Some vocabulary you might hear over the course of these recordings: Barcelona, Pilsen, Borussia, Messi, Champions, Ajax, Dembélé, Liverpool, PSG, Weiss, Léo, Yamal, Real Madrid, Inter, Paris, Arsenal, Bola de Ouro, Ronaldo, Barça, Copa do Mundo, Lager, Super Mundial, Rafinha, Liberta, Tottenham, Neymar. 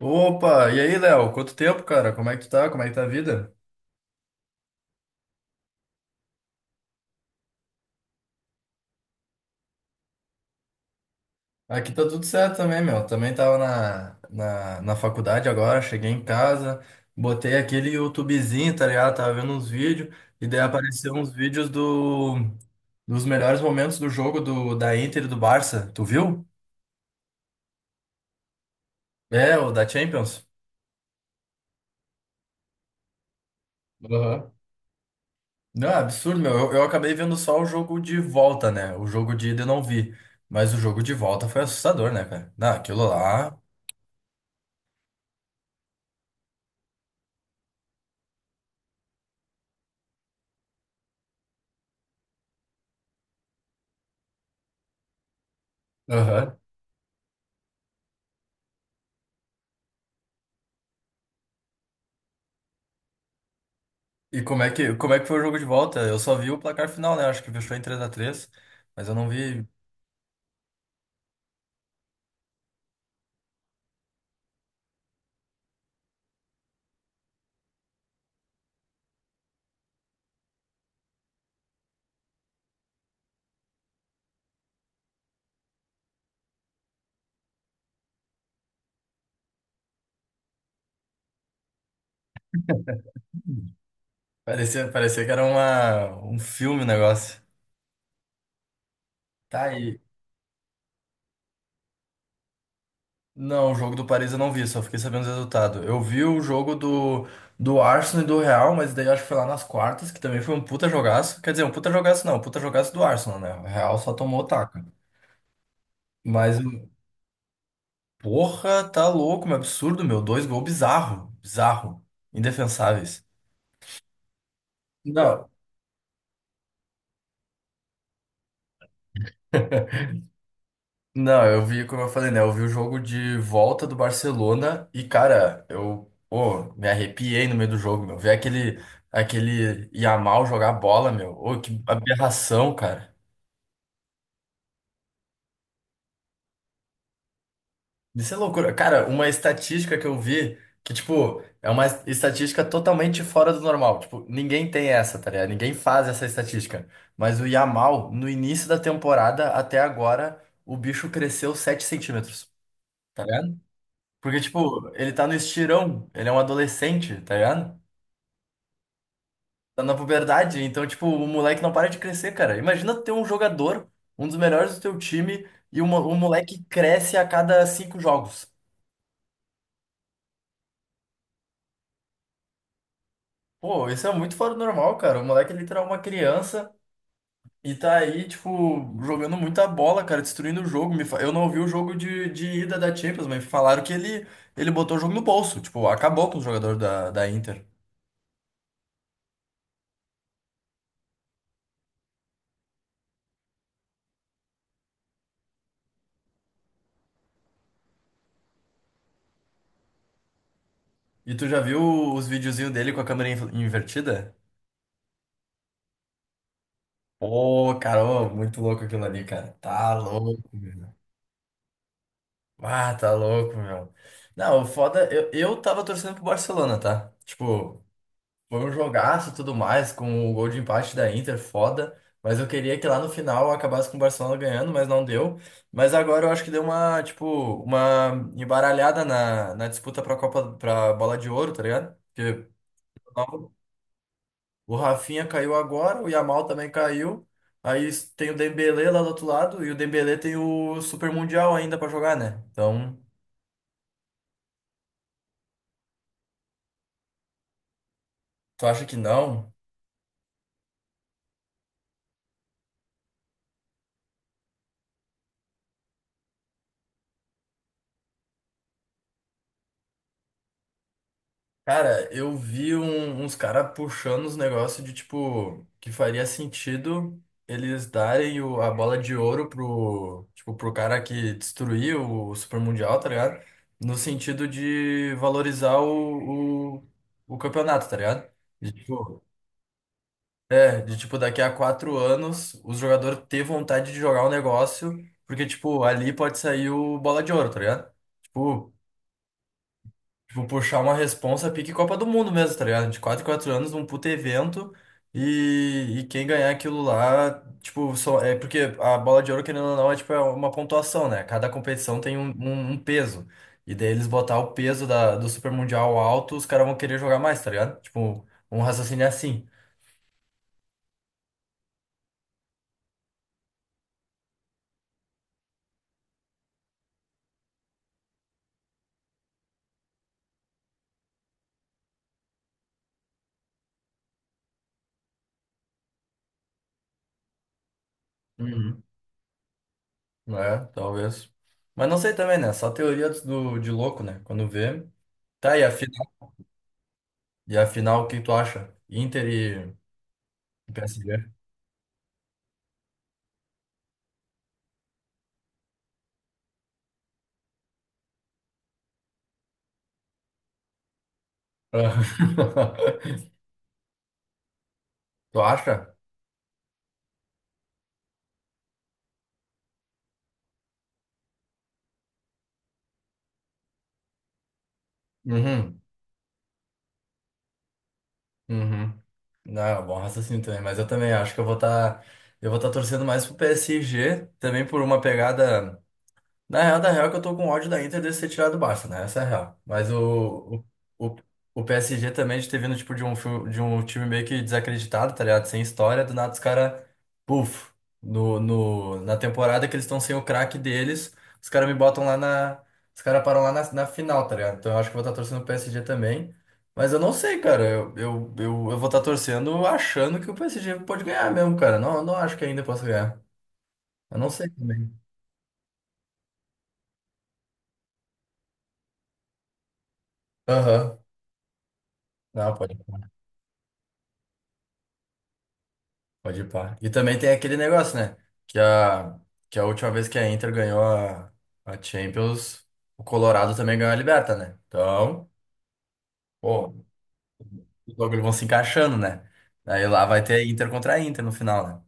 Opa, e aí, Léo? Quanto tempo, cara? Como é que tu tá? Como é que tá a vida? Aqui tá tudo certo também, meu. Também tava na faculdade agora, cheguei em casa, botei aquele YouTubezinho, tá ligado? Tava vendo uns vídeos, e daí apareceram uns vídeos dos melhores momentos do jogo da Inter e do Barça. Tu viu? É, o da Champions. Aham. Não, é absurdo, meu. Eu acabei vendo só o jogo de volta, né? O jogo de ida eu não vi. Mas o jogo de volta foi assustador, né, cara? Não, aquilo lá. Aham. E como é que foi o jogo de volta? Eu só vi o placar final, né? Acho que fechou em três a três, mas eu não vi. Parecia que era um filme o negócio. Tá aí. Não, o jogo do Paris eu não vi, só fiquei sabendo os resultados. Eu vi o jogo do Arsenal e do Real, mas daí acho que foi lá nas quartas, que também foi um puta jogaço. Quer dizer, um puta jogaço não, um puta jogaço do Arsenal, né? O Real só tomou o taco. Mas porra, tá louco, um absurdo, meu. Dois gols bizarro, bizarro, indefensáveis. Não. Não, eu vi, como eu falei, né? Eu vi o jogo de volta do Barcelona e, cara, eu, pô, me arrepiei no meio do jogo, meu. Ver aquele Yamal jogar bola, meu. Ô, que aberração, cara. Isso é loucura. Cara, uma estatística que eu vi, que, tipo, é uma estatística totalmente fora do normal. Tipo, ninguém tem essa, tá ligado? Ninguém faz essa estatística. Mas o Yamal, no início da temporada até agora, o bicho cresceu 7 centímetros, tá ligado? Porque, tipo, ele tá no estirão, ele é um adolescente, tá ligado? Tá na puberdade, então, tipo, o moleque não para de crescer, cara. Imagina ter um jogador, um dos melhores do teu time, e o o moleque cresce a cada cinco jogos. Pô, isso é muito fora do normal, cara. O moleque é literal uma criança e tá aí, tipo, jogando muita bola, cara, destruindo o jogo. Eu não ouvi o jogo de ida da Champions, mas falaram que ele botou o jogo no bolso. Tipo, acabou com o jogador da Inter. E tu já viu os videozinhos dele com a câmera invertida? Ô, cara, ô, muito louco aquilo ali, cara. Tá louco, meu. Ah, tá louco, meu. Não, o foda, eu tava torcendo pro Barcelona, tá? Tipo, foi um jogaço e tudo mais, com o gol de empate da Inter, foda. Mas eu queria que lá no final acabasse com o Barcelona ganhando, mas não deu. Mas agora eu acho que deu uma, tipo, uma embaralhada na disputa pra Copa, pra Bola de Ouro, tá ligado? Porque o Rafinha caiu agora, o Yamal também caiu. Aí tem o Dembélé lá do outro lado e o Dembélé tem o Super Mundial ainda pra jogar, né? Então, tu acha que não? Cara, eu vi uns caras puxando os negócios de tipo que faria sentido eles darem a bola de ouro pro, tipo, pro cara que destruiu o Super Mundial, tá ligado? No sentido de valorizar o campeonato, tá ligado? E, tipo, é, de tipo, daqui a quatro anos, os jogadores ter vontade de jogar o negócio, porque, tipo, ali pode sair o bola de ouro, tá ligado? Tipo, tipo, puxar uma responsa pique Copa do Mundo mesmo, tá ligado? De quatro em quatro anos, um puto evento, e, quem ganhar aquilo lá, tipo, só, é porque a bola de ouro, querendo ou não, é tipo, é uma pontuação, né? Cada competição tem um peso. E daí eles botar o peso do Super Mundial alto, os caras vão querer jogar mais, tá ligado? Tipo, um raciocínio é assim. Uhum. É, talvez. Mas não sei também, né? Só teoria de louco, né? Quando vê. Tá, e afinal, o que tu acha? Inter e PSG? Tu acha? Uhum, uhum. Não, é um bom raciocínio também, mas eu também acho que eu vou estar torcendo mais pro PSG, também por uma pegada. Na real, da real é que eu tô com ódio da Inter de ser tirado do Barça, né? Essa é a real. Mas o, o, o PSG também de ter vindo tipo, de um, de um time meio que desacreditado, tá ligado? Sem história, do nada os caras, puf, no, no, na temporada que eles estão sem o craque deles, os caras me botam lá na. Os caras param lá na final, tá ligado? Então eu acho que eu vou estar torcendo o PSG também. Mas eu não sei, cara. Eu vou estar torcendo achando que o PSG pode ganhar mesmo, cara. Não, não acho que ainda possa ganhar. Eu não sei também. Aham. Não, pode. Pode ir pá. E também tem aquele negócio, né? Que a, que a última vez que a Inter ganhou a Champions, o Colorado também ganhou a Liberta, né? Então, pô, os bagulhos vão se encaixando, né? Aí lá vai ter Inter contra a Inter no final, né?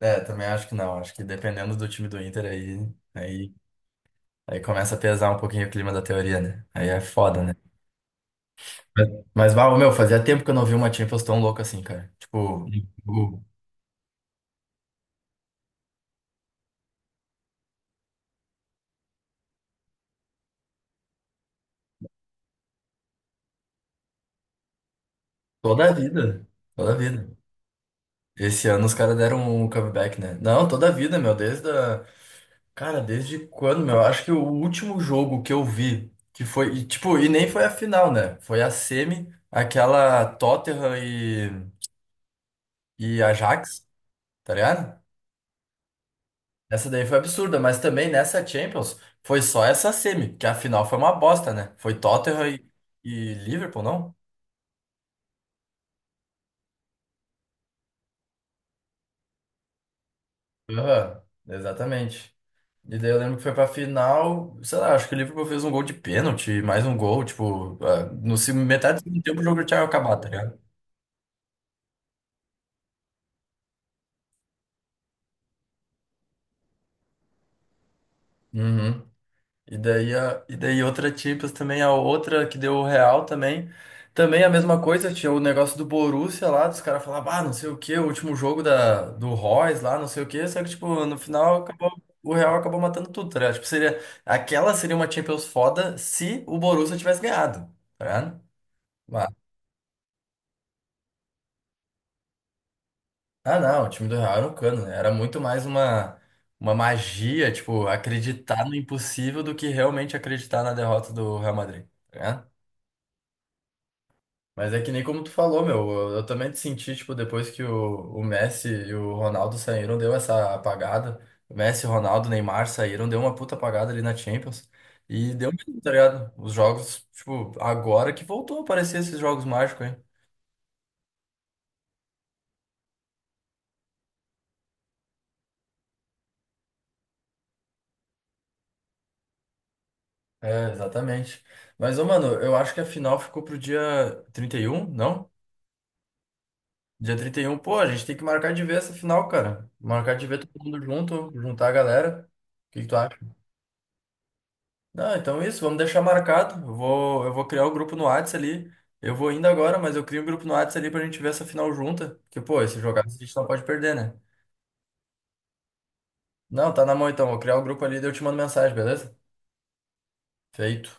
É, também acho que não. Acho que dependendo do time do Inter aí, aí começa a pesar um pouquinho o clima da teoria, né? Aí é foda, né? Mas, mas bah, meu, fazia tempo que eu não vi uma Champions tão louca assim, cara. Tipo, sim. Toda a vida. Toda a vida. Esse ano os caras deram um comeback, né? Não, toda a vida, meu, desde a... Cara, desde quando, meu? Acho que o último jogo que eu vi, que foi, e, tipo, e nem foi a final, né? Foi a semi, aquela e Ajax, tá ligado? Essa daí foi absurda, mas também nessa Champions foi só essa semi, que a final foi uma bosta, né? Foi e Liverpool, não? Aham, exatamente. E daí eu lembro que foi pra final, sei lá, acho que o Liverpool fez um gol de pênalti, mais um gol, tipo, ah, no metade do segundo tempo o jogo já tinha acabado, tá ligado? Uhum. E daí, e daí outra Champions também, a outra que deu o Real também. Também a mesma coisa, tinha o negócio do Borussia lá, dos caras falavam, ah, não sei o quê, o último jogo do Royce lá, não sei o quê, só que, tipo, no final acabou, o Real acabou matando tudo, tá ligado? Tipo, seria, aquela seria uma Champions foda se o Borussia tivesse ganhado, tá ligado? Ah, não, o time do Real era um cano, né? Era muito mais uma magia, tipo, acreditar no impossível do que realmente acreditar na derrota do Real Madrid, né? Mas é que nem como tu falou, meu, eu também te senti, tipo, depois que o Messi e o Ronaldo saíram, deu essa apagada. O Messi, Ronaldo, Neymar saíram, deu uma puta apagada ali na Champions. E deu mesmo, tá ligado? Os jogos, tipo, agora que voltou a aparecer esses jogos mágicos, hein? É, exatamente. Mas, ô, mano, eu acho que a final ficou pro dia 31, não? Dia trinta e um, pô, a gente tem que marcar de ver essa final, cara. Marcar de ver todo mundo junto, juntar a galera. O que que tu acha? Não, então é isso, vamos deixar marcado. Eu vou criar o grupo no Whats ali. Eu vou indo agora, mas eu crio um grupo no Whats ali pra gente ver essa final junta. Porque, pô, esse jogado a gente não pode perder, né? Não, tá na mão então. Vou criar o grupo ali e eu te mando mensagem, beleza? Feito.